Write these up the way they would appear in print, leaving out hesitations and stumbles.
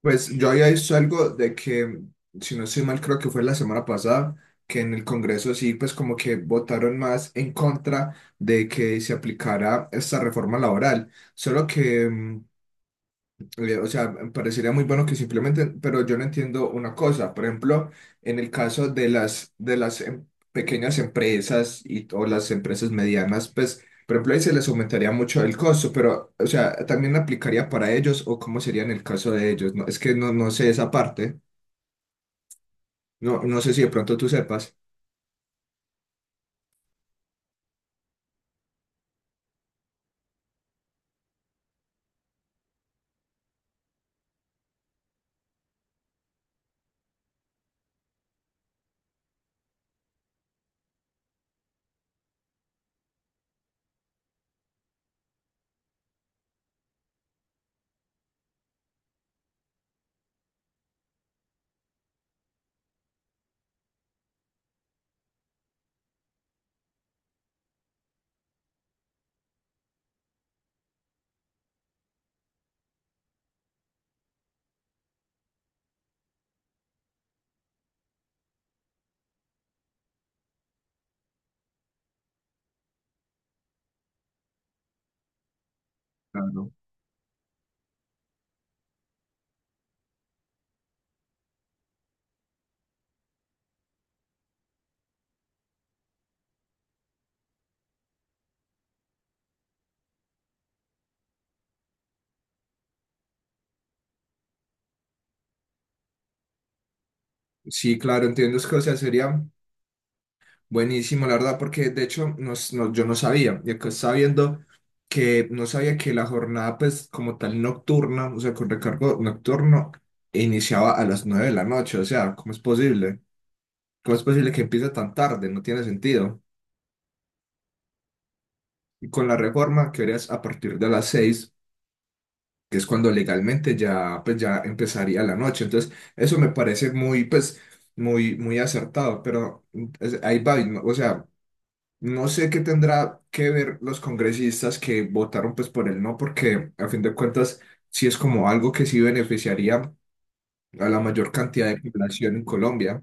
Pues yo había visto algo de que, si no estoy mal, creo que fue la semana pasada, que en el Congreso sí, pues como que votaron más en contra de que se aplicara esta reforma laboral. Solo que o sea, parecería muy bueno que simplemente, pero yo no entiendo una cosa. Por ejemplo, en el caso de las, pequeñas empresas y, o las empresas medianas, pues, por ejemplo, ahí se les aumentaría mucho el costo, pero, o sea, también aplicaría para ellos o cómo sería en el caso de ellos. No, es que no, no sé esa parte. No, no sé si de pronto tú sepas. Claro. Sí, claro, entiendo. Es que, o sea, sería buenísimo, la verdad, porque de hecho yo no sabía, y acá estaba viendo que no sabía que la jornada pues como tal nocturna, o sea, con recargo nocturno, iniciaba a las 9 de la noche. O sea, ¿cómo es posible? ¿Cómo es posible que empiece tan tarde? No tiene sentido. Y con la reforma que harías a partir de las 6, que es cuando legalmente ya pues ya empezaría la noche, entonces eso me parece muy pues muy muy acertado, pero ahí va, o sea, no sé qué tendrá que ver los congresistas que votaron pues por el no, porque a fin de cuentas sí es como algo que sí beneficiaría a la mayor cantidad de población en Colombia.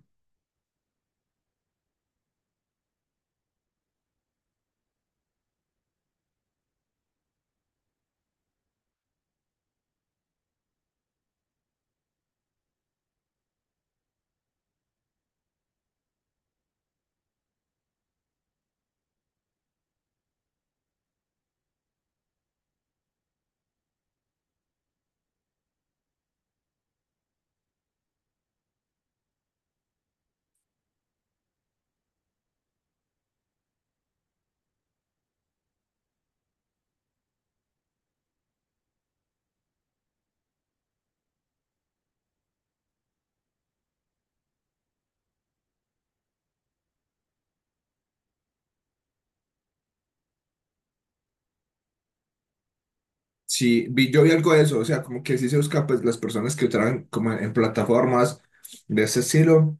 Sí, vi, yo vi algo de eso, o sea, como que sí se busca pues las personas que votaran como en plataformas de ese estilo,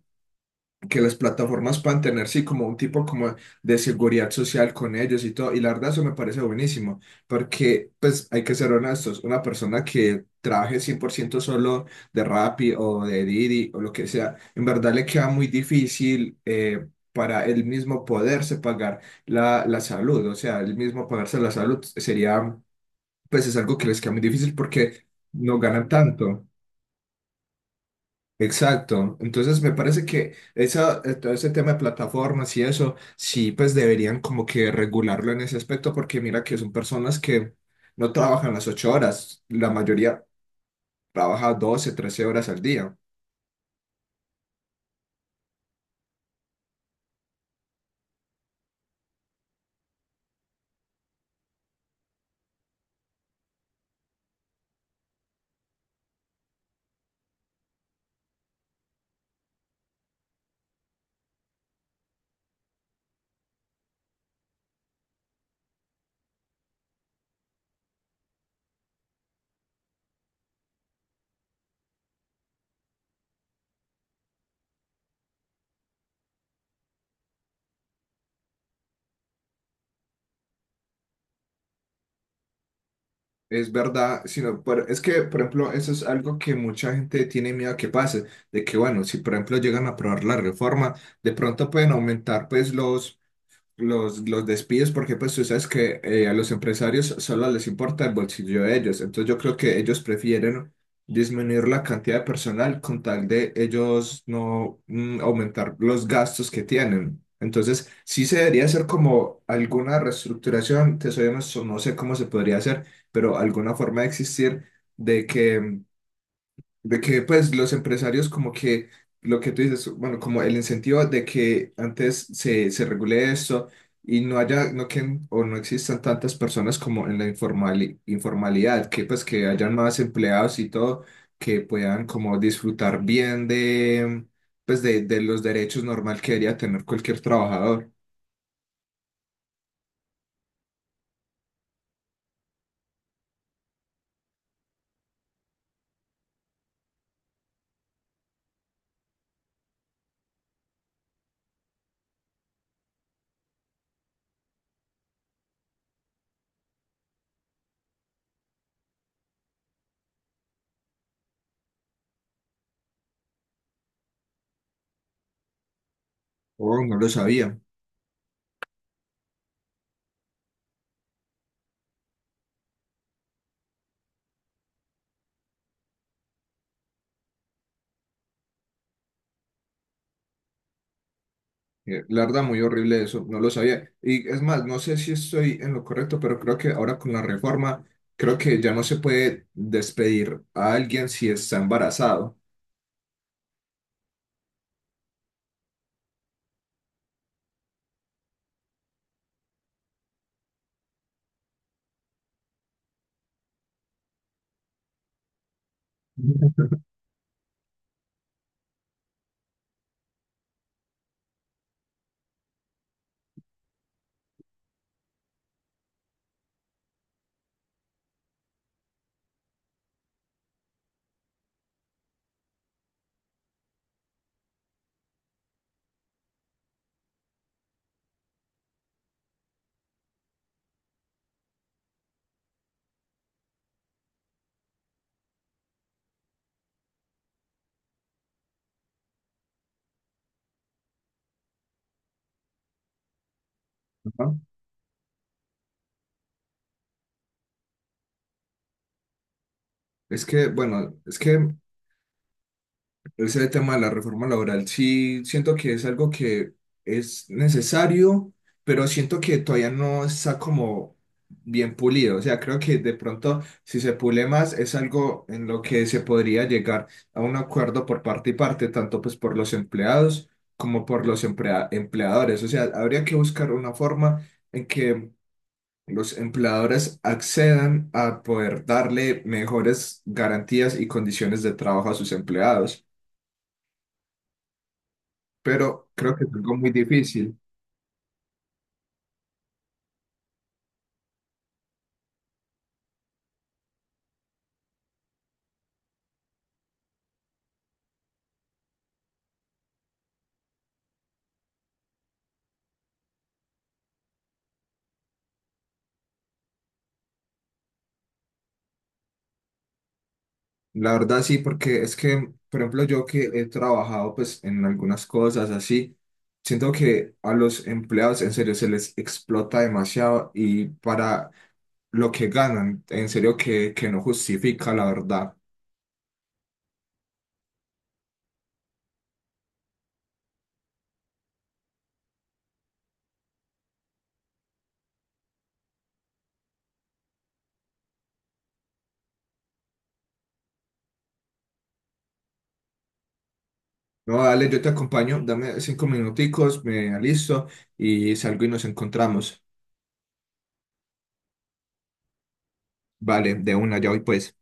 que las plataformas puedan tener, sí, como un tipo como de seguridad social con ellos y todo. Y la verdad eso me parece buenísimo, porque pues hay que ser honestos, una persona que trabaje 100% solo de Rappi o de Didi o lo que sea, en verdad le queda muy difícil para él mismo poderse pagar la salud, o sea, él mismo pagarse la salud sería, pues es algo que les queda muy difícil porque no ganan tanto. Exacto, entonces me parece que esa, todo ese tema de plataformas y eso, sí, pues deberían como que regularlo en ese aspecto, porque mira que son personas que no trabajan las 8 horas, la mayoría trabaja 12, 13 horas al día. Es verdad, sino, es que, por ejemplo, eso es algo que mucha gente tiene miedo que pase, de que, bueno, si por ejemplo llegan a aprobar la reforma, de pronto pueden aumentar pues los despidos, porque pues tú sabes que a los empresarios solo les importa el bolsillo de ellos. Entonces yo creo que ellos prefieren disminuir la cantidad de personal con tal de ellos no aumentar los gastos que tienen. Entonces sí se debería hacer como alguna reestructuración, te soy honesto, no sé cómo se podría hacer, pero alguna forma de existir de que de que pues los empresarios como que lo que tú dices, bueno, como el incentivo de que antes se regule esto y no haya, no que, o no existan tantas personas como en la informalidad, que pues que hayan más empleados y todo, que puedan como disfrutar bien pues de los derechos normal que debería tener cualquier trabajador. Oh, no lo sabía. La verdad, muy horrible eso, no lo sabía. Y es más, no sé si estoy en lo correcto, pero creo que ahora con la reforma, creo que ya no se puede despedir a alguien si está embarazado. ¿No? Es que, bueno, es que ese tema de la reforma laboral, sí, siento que es algo que es necesario, pero siento que todavía no está como bien pulido. O sea, creo que de pronto, si se pule más, es algo en lo que se podría llegar a un acuerdo por parte y parte, tanto pues por los empleados como por los empleadores. O sea, habría que buscar una forma en que los empleadores accedan a poder darle mejores garantías y condiciones de trabajo a sus empleados, pero creo que es algo muy difícil. La verdad sí, porque es que, por ejemplo, yo que he trabajado pues en algunas cosas así, siento que a los empleados en serio se les explota demasiado y para lo que ganan, en serio que no justifica la verdad. No, dale, yo te acompaño, dame 5 minuticos, me alisto y salgo y nos encontramos. Vale, de una, ya voy pues.